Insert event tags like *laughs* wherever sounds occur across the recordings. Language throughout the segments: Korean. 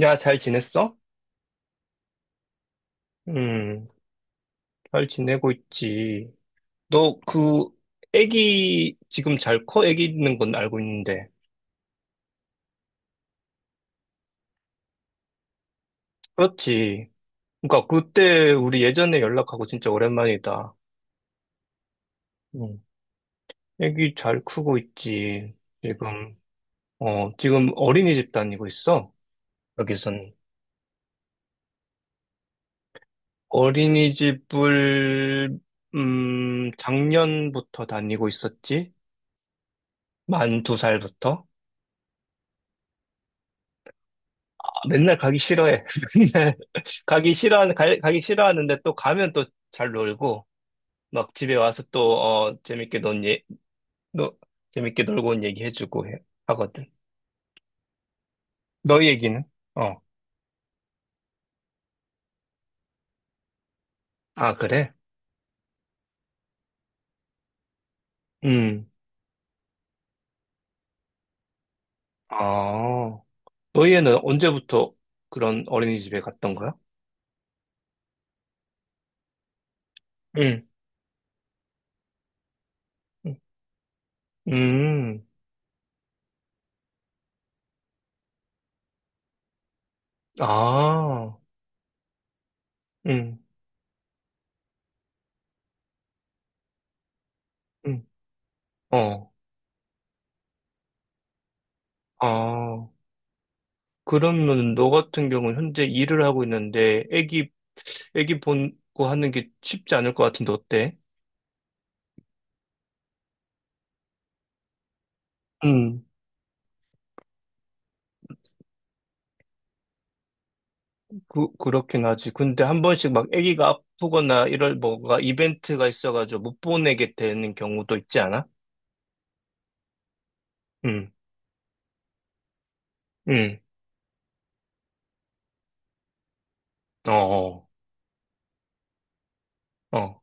야, 잘 지냈어? 음. 잘 지내고 있지. 너 그 애기 지금 잘 커? 애기 있는 건 알고 있는데. 그렇지. 그러니까 그때 우리 예전에 연락하고 진짜 오랜만이다. 음, 애기 잘 크고 있지. 지금 지금 어린이집 다니고 있어. 여기선 어린이집을 작년부터 다니고 있었지. 만 2살부터. 맨날 가기 싫어해. *laughs* 맨날 가기 싫어하는, 가기 싫어하는데 또 가면 또 잘 놀고, 막 집에 와서 또, 재밌게 논, 예, 너 재밌게 놀고 온 얘기 해주고 하거든. 너희 얘기는? 어. 아, 그래? 음. 아, 너희는 언제부터 그런 어린이집에 갔던 거야? 응. 음. 음. 아. 응. 응. 어. 아. 그러면 너 같은 경우는 현재 일을 하고 있는데 애기 보고 하는 게 쉽지 않을 것 같은데 어때? 음, 그렇긴 하지. 근데 한 번씩 막 아기가 아프거나 이럴 뭐가 이벤트가 있어가지고 못 보내게 되는 경우도 있지 않아? 응. 응. 어. 어. 어.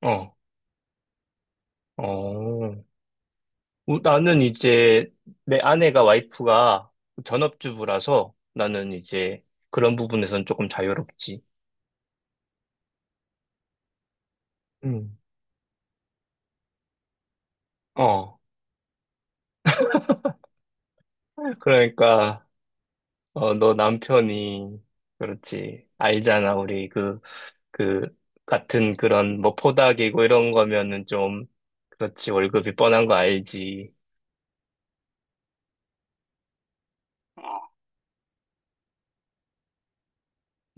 어. 어. 나는 이제 내 아내가 와이프가 전업주부라서 나는 이제 그런 부분에선 조금 자유롭지. 응. 어. 그러니까. 너 남편이, 그렇지. 알잖아, 우리 그, 같은 그런, 뭐, 포닥이고 이런 거면은 좀, 그렇지. 월급이 뻔한 거 알지.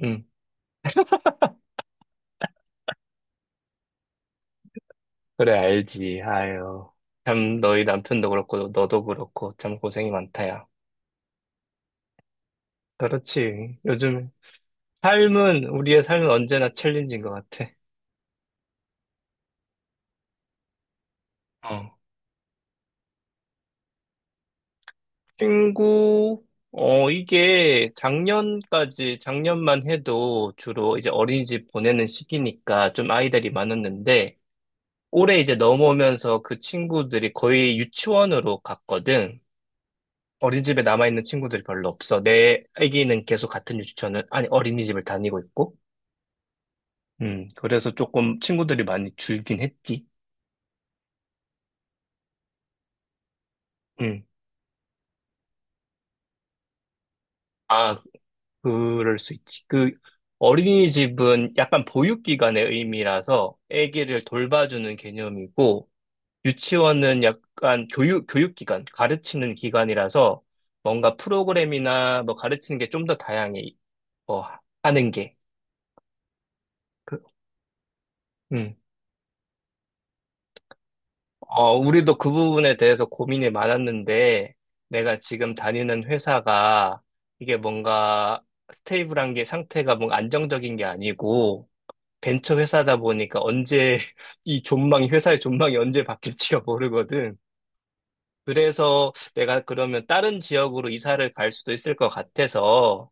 응, 그래, 알지. 아유. 참, 너희 남편도 그렇고, 너도 그렇고, 참 고생이 많다, 야. 그렇지. 요즘, 삶은, 우리의 삶은 언제나 챌린지인 것 같아. 친구, 이게 작년까지, 작년만 해도 주로 이제 어린이집 보내는 시기니까 좀 아이들이 많았는데, 올해 이제 넘어오면서 그 친구들이 거의 유치원으로 갔거든. 어린이집에 남아있는 친구들이 별로 없어. 내 아기는 계속 같은 유치원을, 아니, 어린이집을 다니고 있고, 그래서 조금 친구들이 많이 줄긴 했지. 음. 아, 그럴 수 있지. 그 어린이집은 약간 보육기관의 의미라서 아기를 돌봐주는 개념이고 유치원은 약간 교육기관, 가르치는 기관이라서 뭔가 프로그램이나 뭐 가르치는 게 좀 더 다양해. 뭐 하는 게. 그, 음. 우리도 그 부분에 대해서 고민이 많았는데 내가 지금 다니는 회사가 이게 뭔가 스테이블한 게 상태가 뭔가 안정적인 게 아니고 벤처 회사다 보니까 언제 *laughs* 이 존망이 회사의 존망이 언제 바뀔지가 *laughs* 모르거든. 그래서 내가 그러면 다른 지역으로 이사를 갈 수도 있을 것 같아서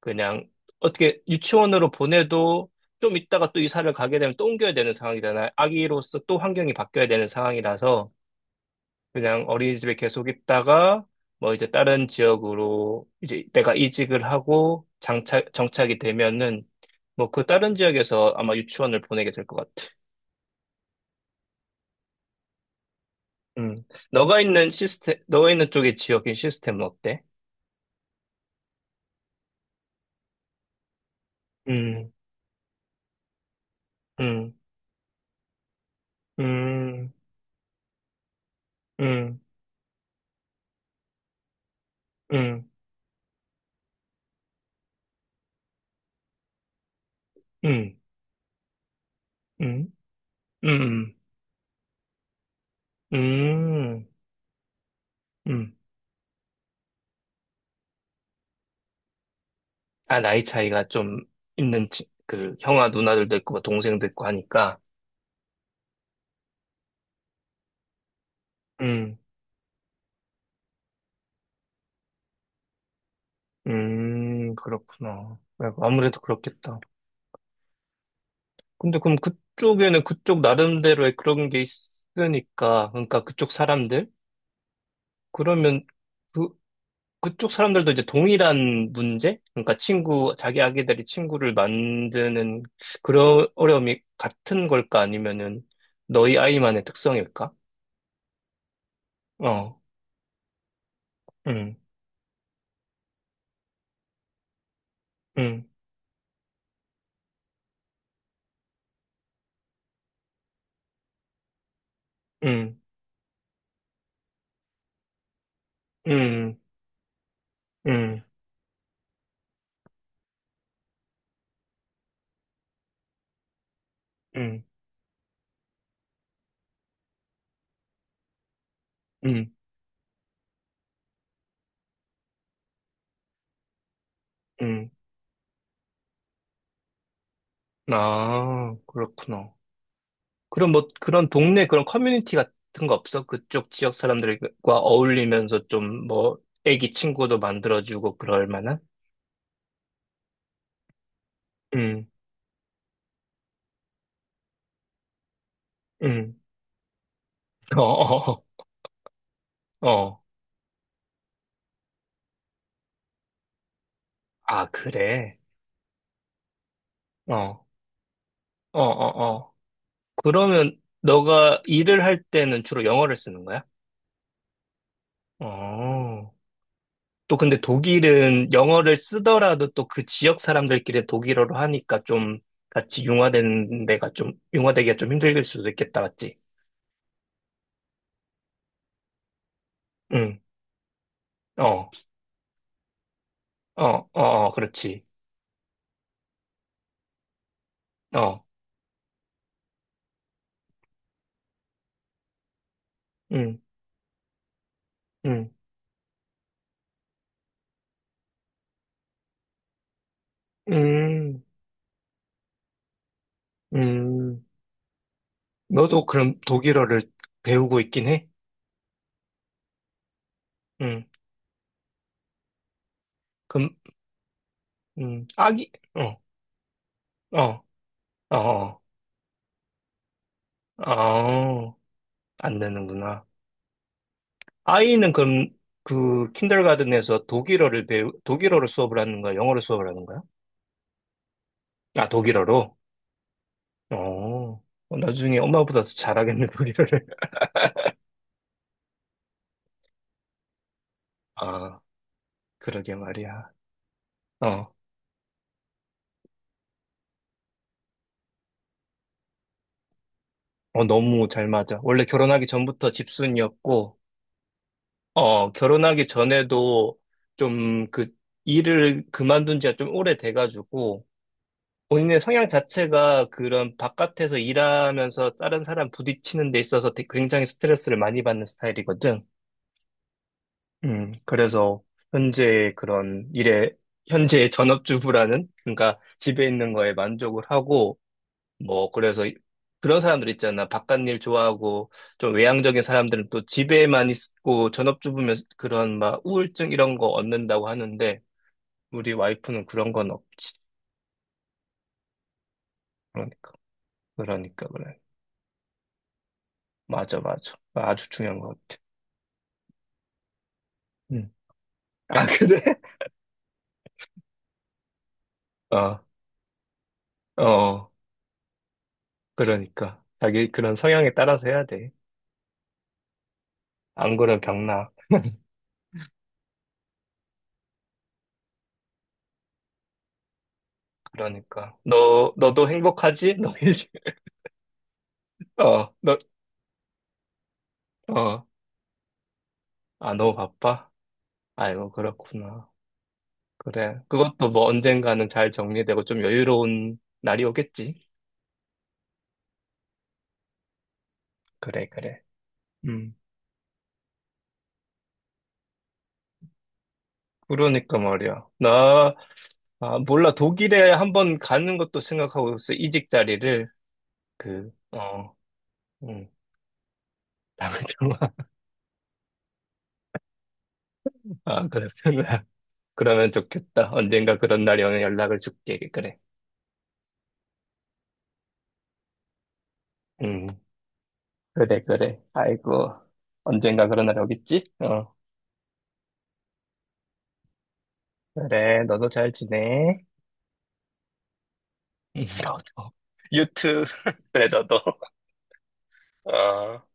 그냥 어떻게 유치원으로 보내도 좀 있다가 또 이사를 가게 되면 또 옮겨야 되는 상황이잖아. 아기로서 또 환경이 바뀌어야 되는 상황이라서 그냥 어린이집에 계속 있다가 뭐 이제 다른 지역으로 이제 내가 이직을 하고 장착, 정착이 되면은 뭐 그 다른 지역에서 아마 유치원을 보내게 될 것 같아. 음. 너가 있는 시스템, 너가 있는 쪽의 지역의 시스템은 어때? 음. 음. 음. 음. 음. 음. 음. 음. 음. 음. 아, 나이 차이가 좀 있는, 그, 형아 누나들도 있고, 뭐 동생도 있고 하니까. 음, 그렇구나. 야, 아무래도 그렇겠다. 근데 그럼 그쪽에는 그쪽 나름대로의 그런 게 있으니까, 그러니까 그쪽 사람들? 그러면, 그, 그쪽 사람들도 이제 동일한 문제? 그러니까 친구, 자기 아기들이 친구를 만드는 그런 어려움이 같은 걸까? 아니면은 너희 아이만의 특성일까? 어. 음. 음. 음. 음. 음. 음. 음. 음. 아, 그렇구나. 그럼 뭐 그런 동네 그런 커뮤니티 같은 거 없어? 그쪽 지역 사람들과 어울리면서 좀 뭐 애기 친구도 만들어주고 그럴 만한? 음. 음. *laughs* 어. 어. 어. 어. 아, 그래. 어. 어. 어. 어. 그러면 너가 일을 할 때는 주로 영어를 쓰는 거야? 어. 또 근데 독일은 영어를 쓰더라도 또 그 지역 사람들끼리 독일어로 하니까 좀 같이 융화되는 데가 좀, 융화되기가 좀 힘들 수도 있겠다, 맞지? 응. 어. 어. 어. 어. 그렇지. 어. 응. 응. 음. 음. 너도 그럼 독일어를 배우고 있긴 해? 응. 그럼. 음. 아기. 어. 어. 어. 어. 아, 안 되는구나. 아이는 그럼 그 킨더가든에서 독일어로 수업을 하는 거야? 영어로 수업을 하는 거야? 아, 독일어로? 어. 어. 나중에 엄마보다 더 잘하겠네, 독일어를. *laughs* 아, 그러게 말이야. 어. 어. 너무 잘 맞아. 원래 결혼하기 전부터 집순이었고, 어, 결혼하기 전에도 좀 그 일을 그만둔 지가 좀 오래돼가지고, 본인의 성향 자체가 그런 바깥에서 일하면서 다른 사람 부딪히는 데 있어서 굉장히 스트레스를 많이 받는 스타일이거든. 그래서 현재 그런 일에, 현재 전업주부라는, 그러니까 집에 있는 거에 만족을 하고, 뭐, 그래서 그런 사람들 있잖아. 바깥 일 좋아하고, 좀 외향적인 사람들은 또 집에만 있고, 전업주부면 그런 막 우울증 이런 거 얻는다고 하는데, 우리 와이프는 그런 건 없지. 그러니까, 그러니까, 그래. 맞아, 맞아. 아주 중요한 것 같아. 음. *laughs* 아, 응. 그래? *laughs* 어, 어, 그러니까. 자기 그런 성향에 따라서 해야 돼. 안 그러면 병나. 그러니까. 너도 행복하지? 너 일, *laughs* 어. 너. 어. 아, 너무 바빠? 아이고, 그렇구나. 그래. 그것도 뭐 언젠가는 잘 정리되고 좀 여유로운 날이 오겠지. 그래, 그래. 음. 그러니까 말이야. 나, 아, 몰라. 독일에 한번 가는 것도 생각하고 있어. 이직 자리를. 그, 어. 음. 다음에 좀, *laughs* 아, 그렇구나. 그러면 좋겠다. 언젠가 그런 날이 오면 연락을 줄게. 그래. 음, 그래, 그래. 아이고, 언젠가 그런 날이 오겠지? 어. 그래, 너도 잘 지내. *laughs* 너도. 유튜브. *laughs* 그래, 너도. 어.